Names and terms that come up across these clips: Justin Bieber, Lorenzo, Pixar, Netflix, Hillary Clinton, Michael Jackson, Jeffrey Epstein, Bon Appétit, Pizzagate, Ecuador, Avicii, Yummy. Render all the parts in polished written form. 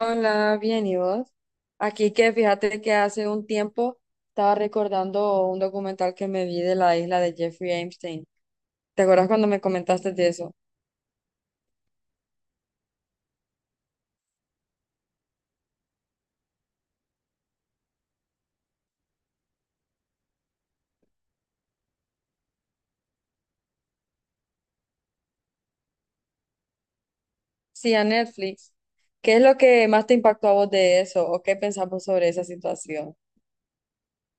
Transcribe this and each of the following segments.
Hola, bien, ¿y vos? Aquí que fíjate que hace un tiempo estaba recordando un documental que me vi de la isla de Jeffrey Epstein. ¿Te acuerdas cuando me comentaste de eso? Sí, a Netflix. ¿Qué es lo que más te impactó a vos de eso? ¿O qué pensamos sobre esa situación?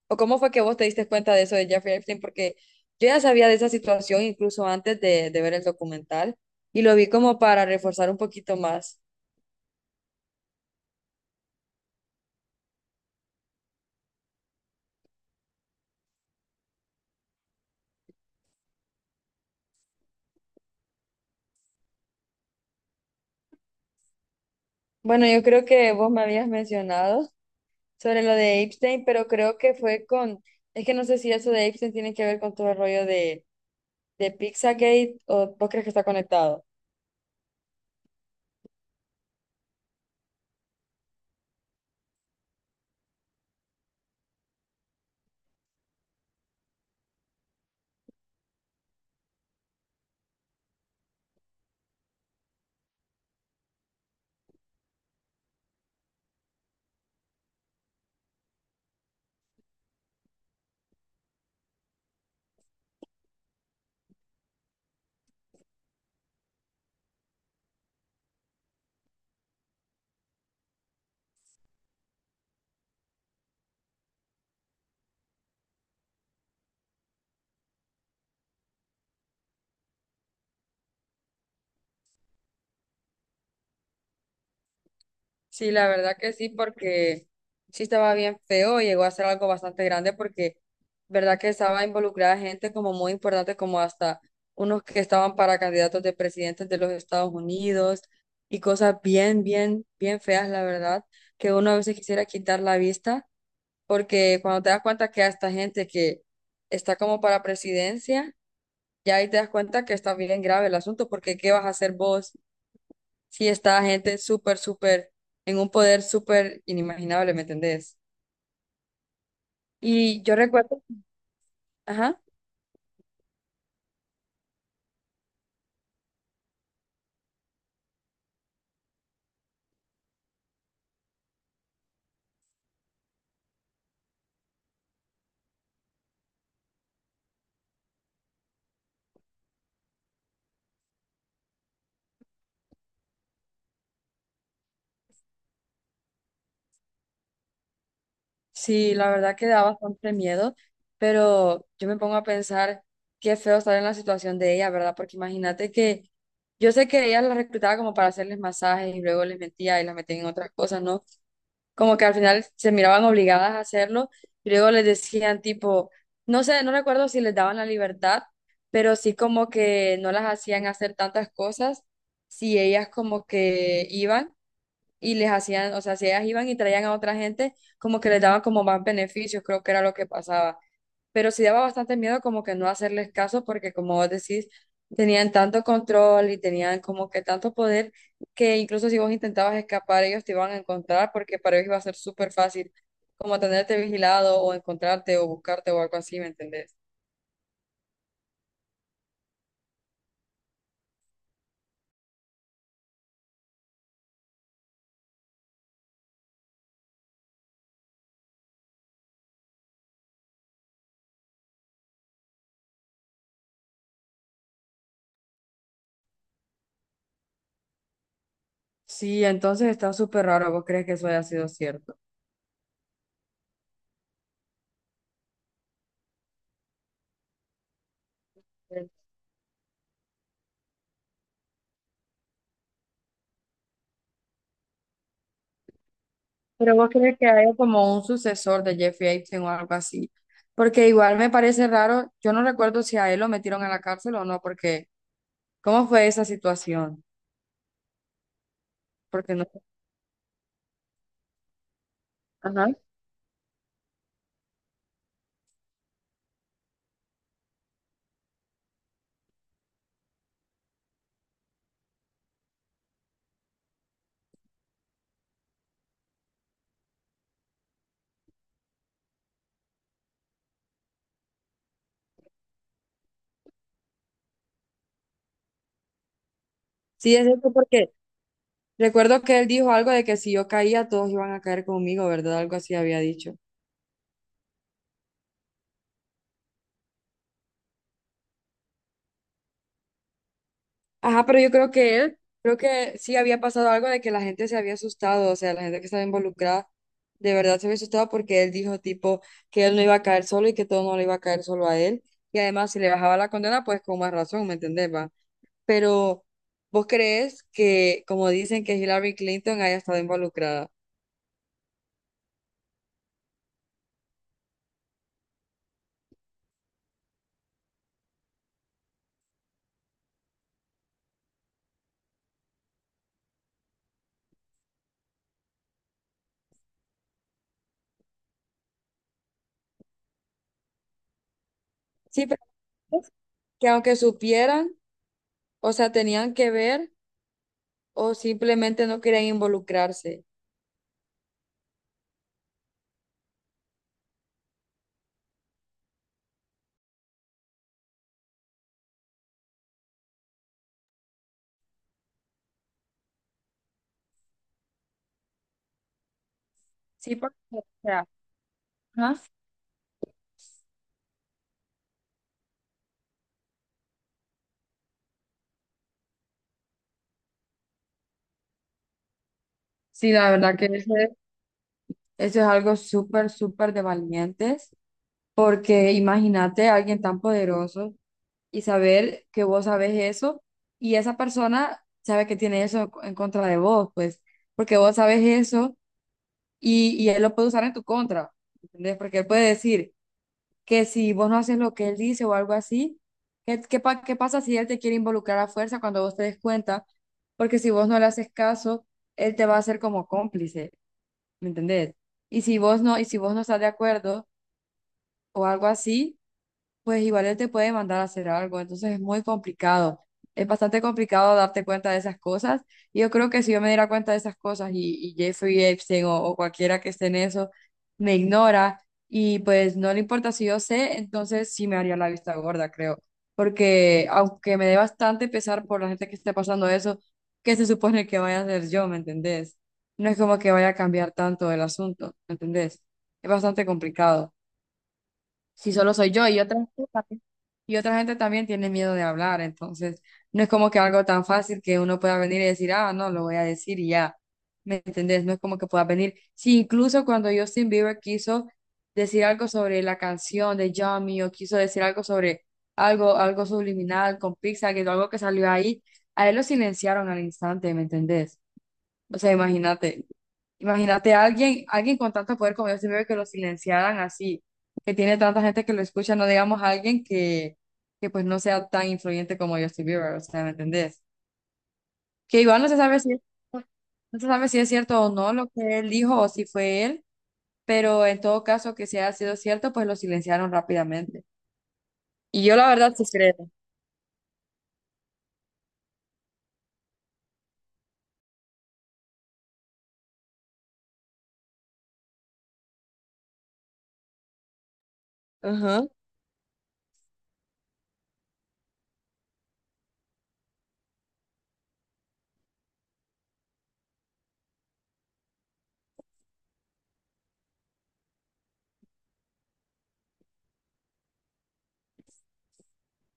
¿O cómo fue que vos te diste cuenta de eso de Jeffrey Epstein? Porque yo ya sabía de esa situación incluso antes de ver el documental y lo vi como para reforzar un poquito más. Bueno, yo creo que vos me habías mencionado sobre lo de Epstein, pero creo que fue con, es que no sé si eso de Epstein tiene que ver con todo el rollo de Pizzagate, o vos crees que está conectado. Sí, la verdad que sí, porque sí estaba bien feo, llegó a ser algo bastante grande porque verdad que estaba involucrada gente como muy importante, como hasta unos que estaban para candidatos de presidentes de los Estados Unidos y cosas bien, bien, bien feas, la verdad, que uno a veces quisiera quitar la vista porque cuando te das cuenta que a esta gente que está como para presidencia, ya ahí te das cuenta que está bien grave el asunto, porque ¿qué vas a hacer vos si está gente súper, súper, en un poder súper inimaginable, ¿me entendés? Y yo recuerdo, ajá, sí, la verdad que da bastante miedo, pero yo me pongo a pensar qué feo estar en la situación de ella, ¿verdad? Porque imagínate que... Yo sé que ella la reclutaba como para hacerles masajes y luego les mentía y las metía en otras cosas, ¿no? Como que al final se miraban obligadas a hacerlo, y luego les decían tipo, no sé, no recuerdo si les daban la libertad, pero sí como que no las hacían hacer tantas cosas si ellas como que iban y les hacían, o sea, si ellas iban y traían a otra gente, como que les daban como más beneficios, creo que era lo que pasaba. Pero sí daba bastante miedo como que no hacerles caso porque como vos decís, tenían tanto control y tenían como que tanto poder que incluso si vos intentabas escapar, ellos te iban a encontrar porque para ellos iba a ser súper fácil como tenerte vigilado o encontrarte o buscarte o algo así, ¿me entendés? Sí, entonces está súper raro. ¿Vos crees que eso haya sido cierto? Sí. Pero vos crees que haya como un sucesor de Jeffrey Epstein o algo así. Porque igual me parece raro, yo no recuerdo si a él lo metieron a la cárcel o no, porque ¿cómo fue esa situación? Porque no. Ajá. Sí, es cierto, porque recuerdo que él dijo algo de que si yo caía, todos iban a caer conmigo, ¿verdad? Algo así había dicho. Ajá, pero yo creo que él, creo que sí había pasado algo de que la gente se había asustado, o sea, la gente que estaba involucrada de verdad se había asustado porque él dijo tipo que él no iba a caer solo y que todo no le iba a caer solo a él. Y además, si le bajaba la condena, pues con más razón, ¿me entendés, va? Pero ¿vos crees que, como dicen, que Hillary Clinton haya estado involucrada? Sí, pero ¿crees que aunque supieran? O sea, ¿tenían que ver o simplemente no querían involucrarse? Sí, porque, o sea, ajá. Sí, la verdad que ese- eso es algo súper, súper de valientes, porque imagínate a alguien tan poderoso y saber que vos sabes eso y esa persona sabe que tiene eso en contra de vos, pues, porque vos sabes eso y él lo puede usar en tu contra, ¿entendés? Porque él puede decir que si vos no haces lo que él dice o algo así, ¿qué, qué, pa- qué pasa si él te quiere involucrar a fuerza cuando vos te des cuenta? Porque si vos no le haces caso, él te va a hacer como cómplice, ¿me entendés? Y si vos no estás de acuerdo o algo así, pues igual él te puede mandar a hacer algo, entonces es muy complicado, es bastante complicado darte cuenta de esas cosas, y yo creo que si yo me diera cuenta de esas cosas y Jeffrey Epstein o cualquiera que esté en eso me ignora y pues no le importa si yo sé, entonces sí me haría la vista gorda, creo, porque aunque me dé bastante pesar por la gente que esté pasando eso, ¿qué se supone que vaya a hacer yo, me entendés? No es como que vaya a cambiar tanto el asunto, ¿me entendés? Es bastante complicado si solo soy yo y otra gente también, y otra gente también tiene miedo de hablar, entonces no es como que algo tan fácil que uno pueda venir y decir, ah, no, lo voy a decir y ya, ¿me entendés? No es como que pueda venir. Si incluso cuando Justin Bieber quiso decir algo sobre la canción de Yummy o quiso decir algo sobre algo, algo subliminal con Pixar, que algo que salió ahí, a él lo silenciaron al instante, ¿me entendés? O sea, imagínate. Imagínate a alguien, alguien con tanto poder como Justin Bieber que lo silenciaran así, que tiene tanta gente que lo escucha, no digamos a alguien que pues no sea tan influyente como Justin Bieber, o sea, ¿me entendés? Que igual no se sabe si es, no se sabe si es cierto o no lo que él dijo o si fue él, pero en todo caso que si haya sido cierto, pues lo silenciaron rápidamente. Y yo la verdad sí creo. Ajá.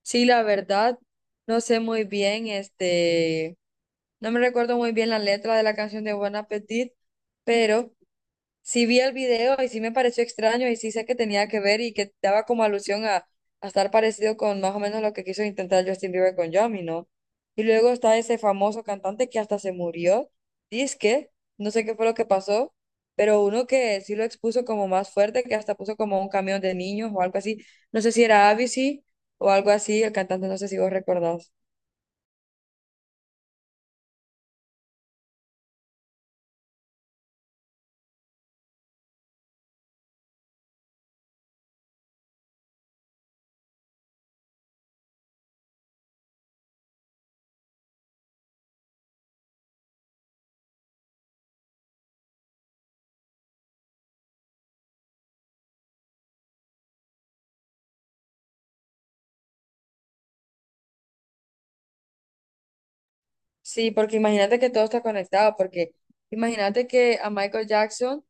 Sí, la verdad, no sé muy bien, este, no me recuerdo muy bien la letra de la canción de Buen Appetit, pero sí vi el video y sí me pareció extraño y sí sé que tenía que ver y que daba como alusión a estar parecido con más o menos lo que quiso intentar Justin Bieber con Yami, ¿no? Y luego está ese famoso cantante que hasta se murió, que no sé qué fue lo que pasó, pero uno que sí lo expuso como más fuerte, que hasta puso como un camión de niños o algo así, no sé si era Avicii o algo así, el cantante, no sé si vos recordás. Sí, porque imagínate que todo está conectado, porque imagínate que a Michael Jackson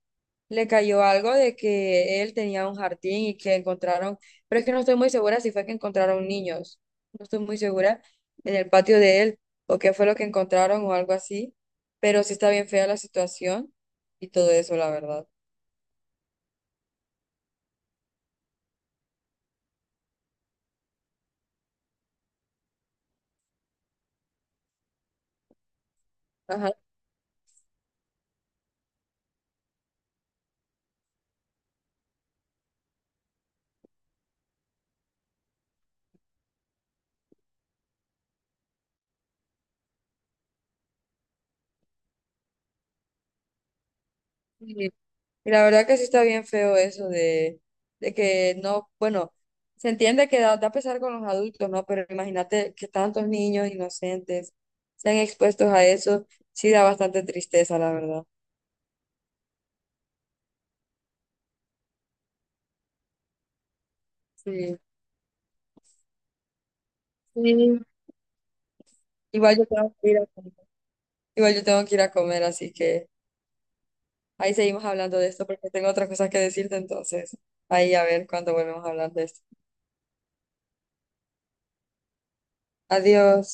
le cayó algo de que él tenía un jardín y que encontraron, pero es que no estoy muy segura si fue que encontraron niños, no estoy muy segura en el patio de él o qué fue lo que encontraron o algo así, pero sí está bien fea la situación y todo eso, la verdad. Ajá. Y y la verdad que sí está bien feo eso de que no, bueno, se entiende que da, da pesar con los adultos, ¿no? Pero imagínate que tantos niños inocentes sean expuestos a eso, sí da bastante tristeza, la verdad. Sí. Sí, igual yo tengo que ir a comer. Igual yo tengo que ir a comer, así que ahí seguimos hablando de esto porque tengo otras cosas que decirte, entonces ahí a ver cuándo volvemos a hablar de esto. Adiós.